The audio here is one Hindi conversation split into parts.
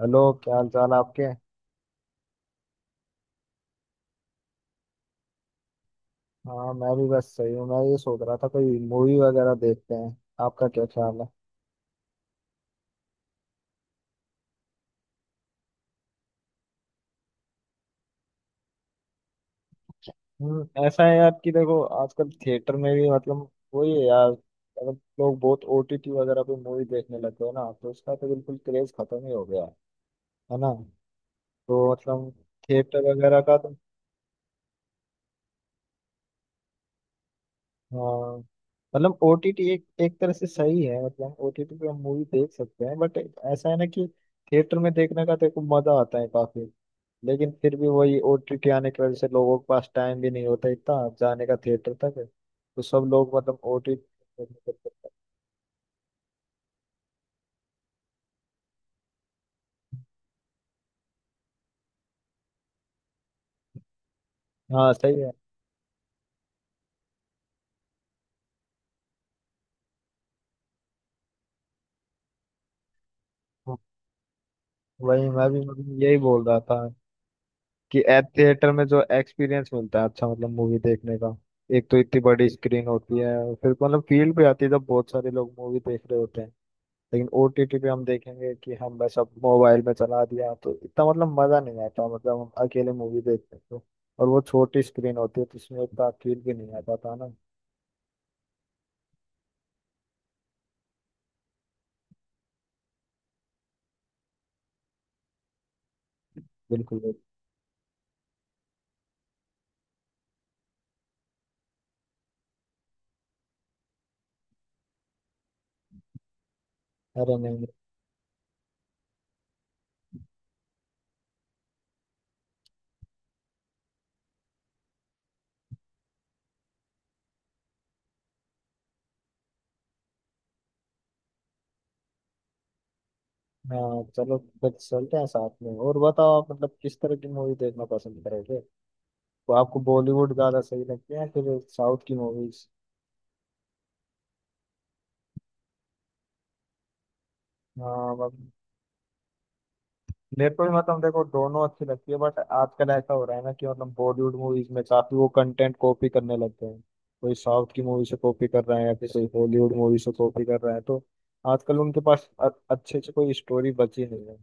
हेलो, क्या हाल चाल है आपके। हाँ, मैं भी बस सही हूँ। मैं ये सोच रहा था कोई मूवी वगैरह देखते हैं। आपका क्या ख्याल है। ऐसा है यार कि देखो आजकल थिएटर में भी मतलब वही है यार, मतलब लोग बहुत ओटीटी वगैरह पे मूवी देखने लग गए ना, तो उसका तो बिल्कुल क्रेज खत्म ही हो गया है ना। तो मतलब थिएटर वगैरह का तो। हाँ, मतलब ओटीटी एक एक तरह से सही है। मतलब ओटीटी पे हम मूवी देख सकते हैं बट ऐसा है ना कि थिएटर में देखने का देखो मजा आता है काफी। लेकिन फिर भी वही ओटी के आने की वजह से लोगों के पास टाइम भी नहीं होता इतना जाने का थिएटर तक। तो सब लोग मतलब ओटी। हाँ, सही है। हाँ, वही मैं भी मतलब यही बोल रहा था कि एट थिएटर में जो एक्सपीरियंस मिलता है अच्छा, मतलब मूवी देखने का। एक तो इतनी बड़ी स्क्रीन होती है और फिर मतलब फील भी आती है जब बहुत सारे लोग मूवी देख रहे होते हैं। लेकिन ओटीटी पे हम देखेंगे कि हम बस अब मोबाइल में चला दिया तो इतना मतलब मजा नहीं आता। मतलब हम अकेले मूवी देखते हैं तो और वो छोटी स्क्रीन होती है तो उसमें इतना फील भी नहीं आता था ना। बिल्कुल भी। अरे नहीं नहीं। हाँ, चलो फिर चलते हैं साथ में। और बताओ आप मतलब किस तरह की मूवी देखना पसंद करोगे। तो आपको बॉलीवुड ज्यादा सही लगती है या फिर साउथ की मूवीज। हाँ मतलब। मेरे को भी मतलब देखो दोनों अच्छी लगती है बट आजकल ऐसा हो रहा है ना कि मतलब बॉलीवुड मूवीज में काफी वो कंटेंट कॉपी करने लगते हैं। कोई साउथ की मूवी से कॉपी कर रहा है या फिर कोई हॉलीवुड मूवी से कॉपी कर रहा है। तो आजकल उनके पास अच्छे से कोई स्टोरी बची नहीं है।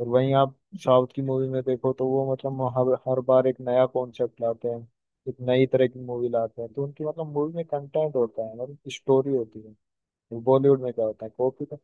और वहीं आप साउथ की मूवी में देखो तो वो मतलब हर हर बार एक नया कॉन्सेप्ट लाते हैं, एक नई तरह की मूवी लाते हैं। तो उनकी मतलब मूवी में कंटेंट होता है, मतलब स्टोरी होती है। बॉलीवुड में क्या होता है, कॉपी का।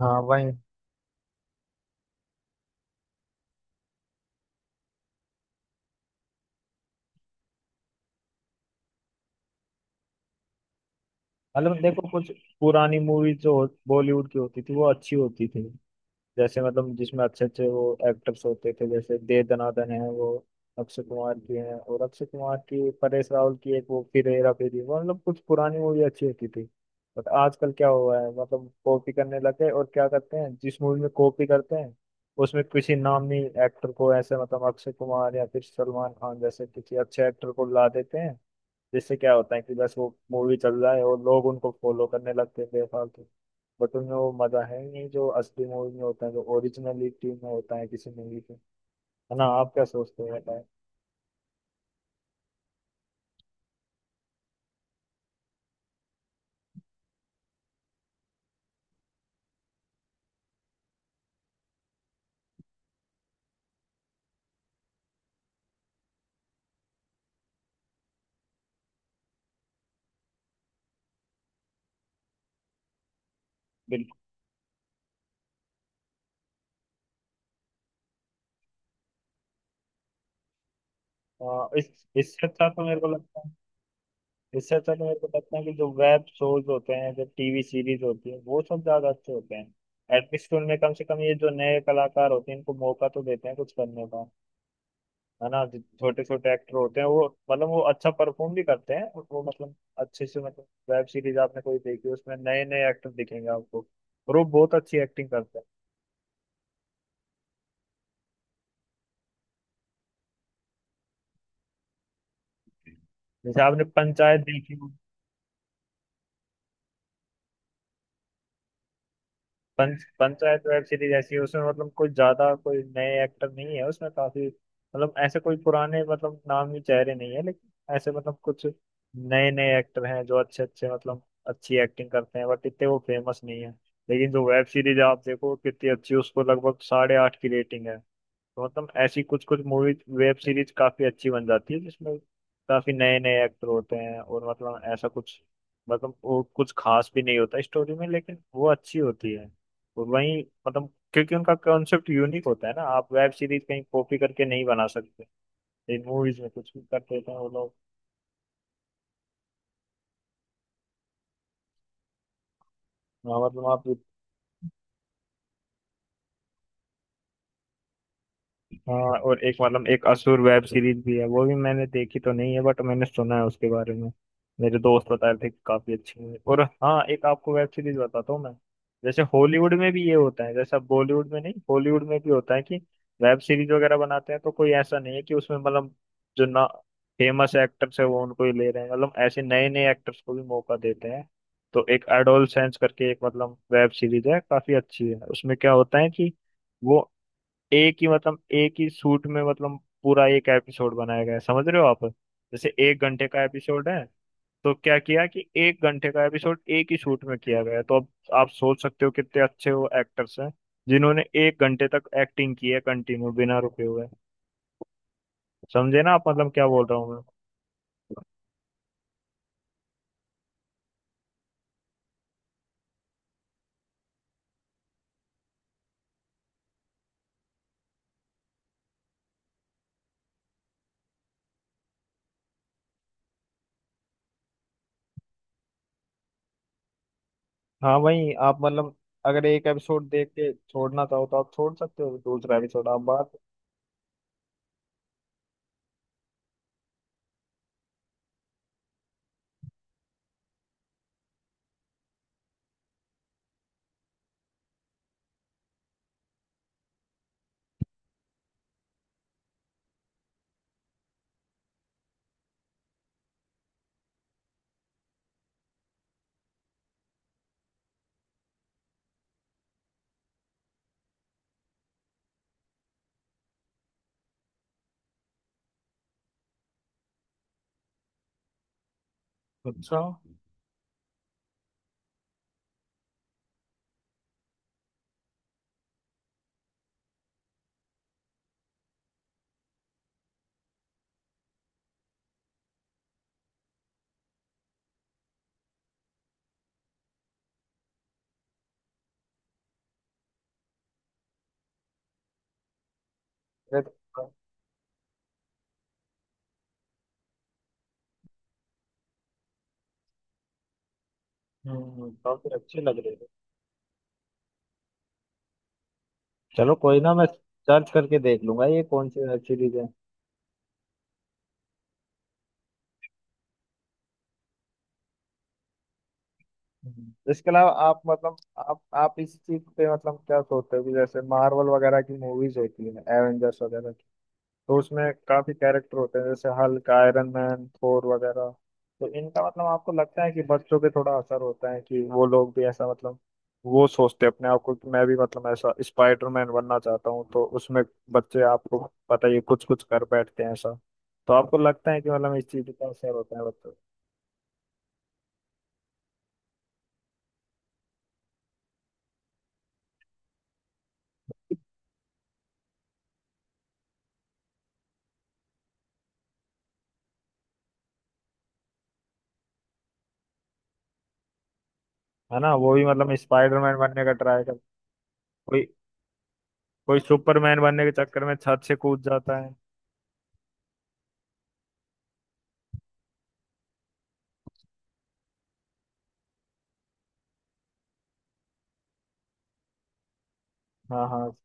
हाँ वही। मतलब देखो कुछ पुरानी मूवी जो बॉलीवुड की होती थी वो अच्छी होती थी। जैसे मतलब जिसमें अच्छे अच्छे वो एक्टर्स होते थे, जैसे दे दनादन है वो अक्षय कुमार की है। और अक्षय कुमार की परेश रावल की एक वो फिर हेरा फेरी, वो मतलब कुछ पुरानी मूवी अच्छी होती थी। बट आजकल क्या हुआ है मतलब कॉपी करने लगे, और क्या करते हैं जिस मूवी में कॉपी करते हैं उसमें किसी नामी एक्टर को ऐसे मतलब अक्षय कुमार या फिर सलमान खान जैसे किसी अच्छे एक्टर को ला देते हैं। जिससे क्या होता है कि बस वो मूवी चल रहा है और लोग उनको फॉलो करने लगते हैं बेफालतू। बट उनमें वो मजा है नहीं जो असली मूवी में होता है, जो ओरिजिनलिटी में होता है किसी मूवी के। है ना, आप क्या सोचते हो बताएं। बिल्कुल। इस इससे अच्छा तो मेरे को लगता है। इससे अच्छा तो मेरे को लगता है कि जो वेब शोज होते हैं, जो टीवी सीरीज होती है, वो सब ज्यादा अच्छे होते हैं। एटलीस्ट उनमें कम से कम ये जो नए कलाकार होते हैं इनको मौका तो देते हैं कुछ करने का। है ना, जो छोटे छोटे एक्टर होते हैं वो मतलब वो अच्छा परफॉर्म भी करते हैं और वो मतलब अच्छे से मतलब वेब सीरीज आपने कोई देखी उसमें नए नए एक्टर दिखेंगे आपको। और वो बहुत अच्छी एक्टिंग करते हैं। जैसे आपने पंचायत देखी। पंचायत वेब सीरीज ऐसी है उसमें मतलब कोई ज्यादा कोई नए एक्टर नहीं है उसमें काफी मतलब ऐसे कोई पुराने मतलब नामी चेहरे नहीं है, लेकिन ऐसे मतलब कुछ नए नए एक्टर हैं जो अच्छे अच्छे मतलब अच्छी एक्टिंग करते हैं बट इतने वो फेमस नहीं है। लेकिन जो वेब सीरीज आप देखो कितनी अच्छी, उसको लगभग 8.5 की रेटिंग है। तो मतलब ऐसी कुछ कुछ मूवी वेब सीरीज काफी अच्छी बन जाती है जिसमें काफी नए नए एक्टर होते हैं। और मतलब ऐसा कुछ मतलब वो कुछ खास भी नहीं होता स्टोरी में लेकिन वो अच्छी होती है। और वही मतलब क्योंकि उनका कॉन्सेप्ट यूनिक होता है ना, आप वेब सीरीज कहीं कॉपी करके नहीं बना सकते। इन मूवीज में कुछ भी कर देते हैं वो लोग। हाँ, मतलब आप। हाँ, और एक मतलब एक असुर वेब सीरीज भी है, वो भी मैंने देखी तो नहीं है बट मैंने सुना है उसके बारे में। मेरे दोस्त बता रहे थे कि काफी अच्छी है। और हाँ, एक आपको वेब सीरीज बताता हूँ मैं। जैसे हॉलीवुड में भी ये होता है, जैसा बॉलीवुड में नहीं हॉलीवुड में भी होता है कि वेब सीरीज वगैरह बनाते हैं तो कोई ऐसा नहीं है कि उसमें मतलब जो ना फेमस एक्टर्स है वो उनको ही ले रहे हैं, मतलब ऐसे नए नए एक्टर्स को भी मौका देते हैं। तो एक एडोलसेंस करके एक मतलब वेब सीरीज है, काफी अच्छी है। उसमें क्या होता है कि वो एक ही मतलब एक ही शूट में मतलब पूरा एक एपिसोड बनाया गया है। समझ रहे हो आप जैसे 1 घंटे का एपिसोड है। तो क्या किया कि 1 घंटे का एपिसोड एक ही शूट में किया गया है। तो अब आप सोच सकते हो कितने अच्छे वो एक्टर्स हैं जिन्होंने 1 घंटे तक एक्टिंग की है कंटिन्यू बिना रुके हुए। समझे ना आप मतलब क्या बोल रहा हूँ मैं। हाँ वही आप मतलब। अगर एक एपिसोड देख के छोड़ना चाहो तो आप छोड़ सकते हो दूसरा एपिसोड आप बात। अच्छा। अरे, काफी अच्छे लग रहे हैं। चलो कोई ना, मैं सर्च करके देख लूंगा ये कौन सी वेब सीरीज है। हम्म। इसके अलावा आप मतलब आप इस चीज पे मतलब क्या सोचते हो कि जैसे मार्वल वगैरह की मूवीज होती है, एवेंजर्स वगैरह। तो उसमें काफी कैरेक्टर होते हैं जैसे हल्क, आयरन मैन, थोर वगैरह। तो इनका मतलब आपको लगता है कि बच्चों पे थोड़ा असर होता है कि वो लोग भी ऐसा मतलब वो सोचते हैं अपने आप को कि मैं भी मतलब ऐसा स्पाइडरमैन बनना चाहता हूँ तो उसमें बच्चे आपको पता ही कुछ कुछ कर बैठते हैं ऐसा। तो आपको लगता है कि मतलब इस चीज का असर होता है बच्चों पे? है ना, वो भी मतलब स्पाइडरमैन बनने का ट्राई कर। कोई कोई सुपरमैन बनने के चक्कर में छत से कूद जाता है। हाँ, हाँ,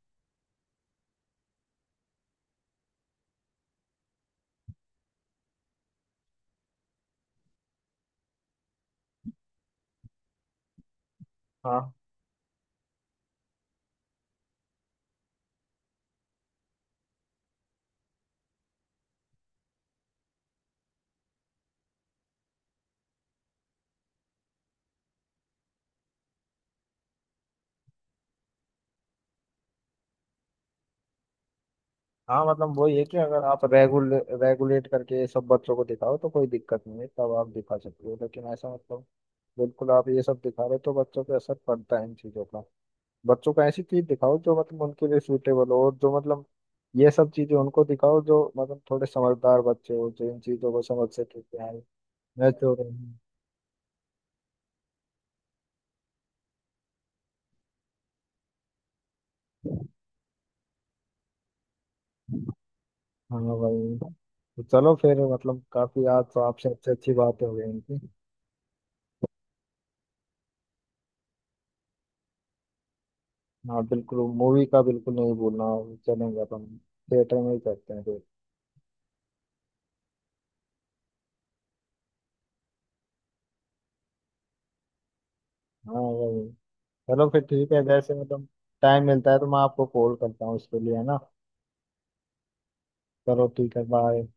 हाँ, हाँ। मतलब वही है कि अगर आप रेगुलेट करके सब बच्चों को दिखाओ तो कोई दिक्कत नहीं है, तब आप दिखा सकते हो। लेकिन ऐसा मतलब बिल्कुल आप ये सब दिखा रहे हो तो बच्चों पे असर पड़ता है इन चीज़ों का। बच्चों को ऐसी चीज़ दिखाओ जो मतलब उनके लिए सूटेबल हो, और जो मतलब ये सब चीज़ें उनको दिखाओ जो मतलब थोड़े समझदार बच्चे हो जो इन चीज़ों को समझ सके कि हाँ। मैं तो रही हूँ। हाँ भाई। तो चलो फिर मतलब काफ़ी आज तो आपसे अच्छी अच्छी बातें हो गई इनकी। हाँ, बिल्कुल मूवी का बिल्कुल नहीं भूलना। चलेंगे अपन थिएटर में ही करते हैं फिर। हाँ वही। चलो फिर ठीक है, जैसे मतलब टाइम मिलता है तो मैं आपको कॉल करता हूँ उसके लिए, है ना। चलो ठीक है, बाय।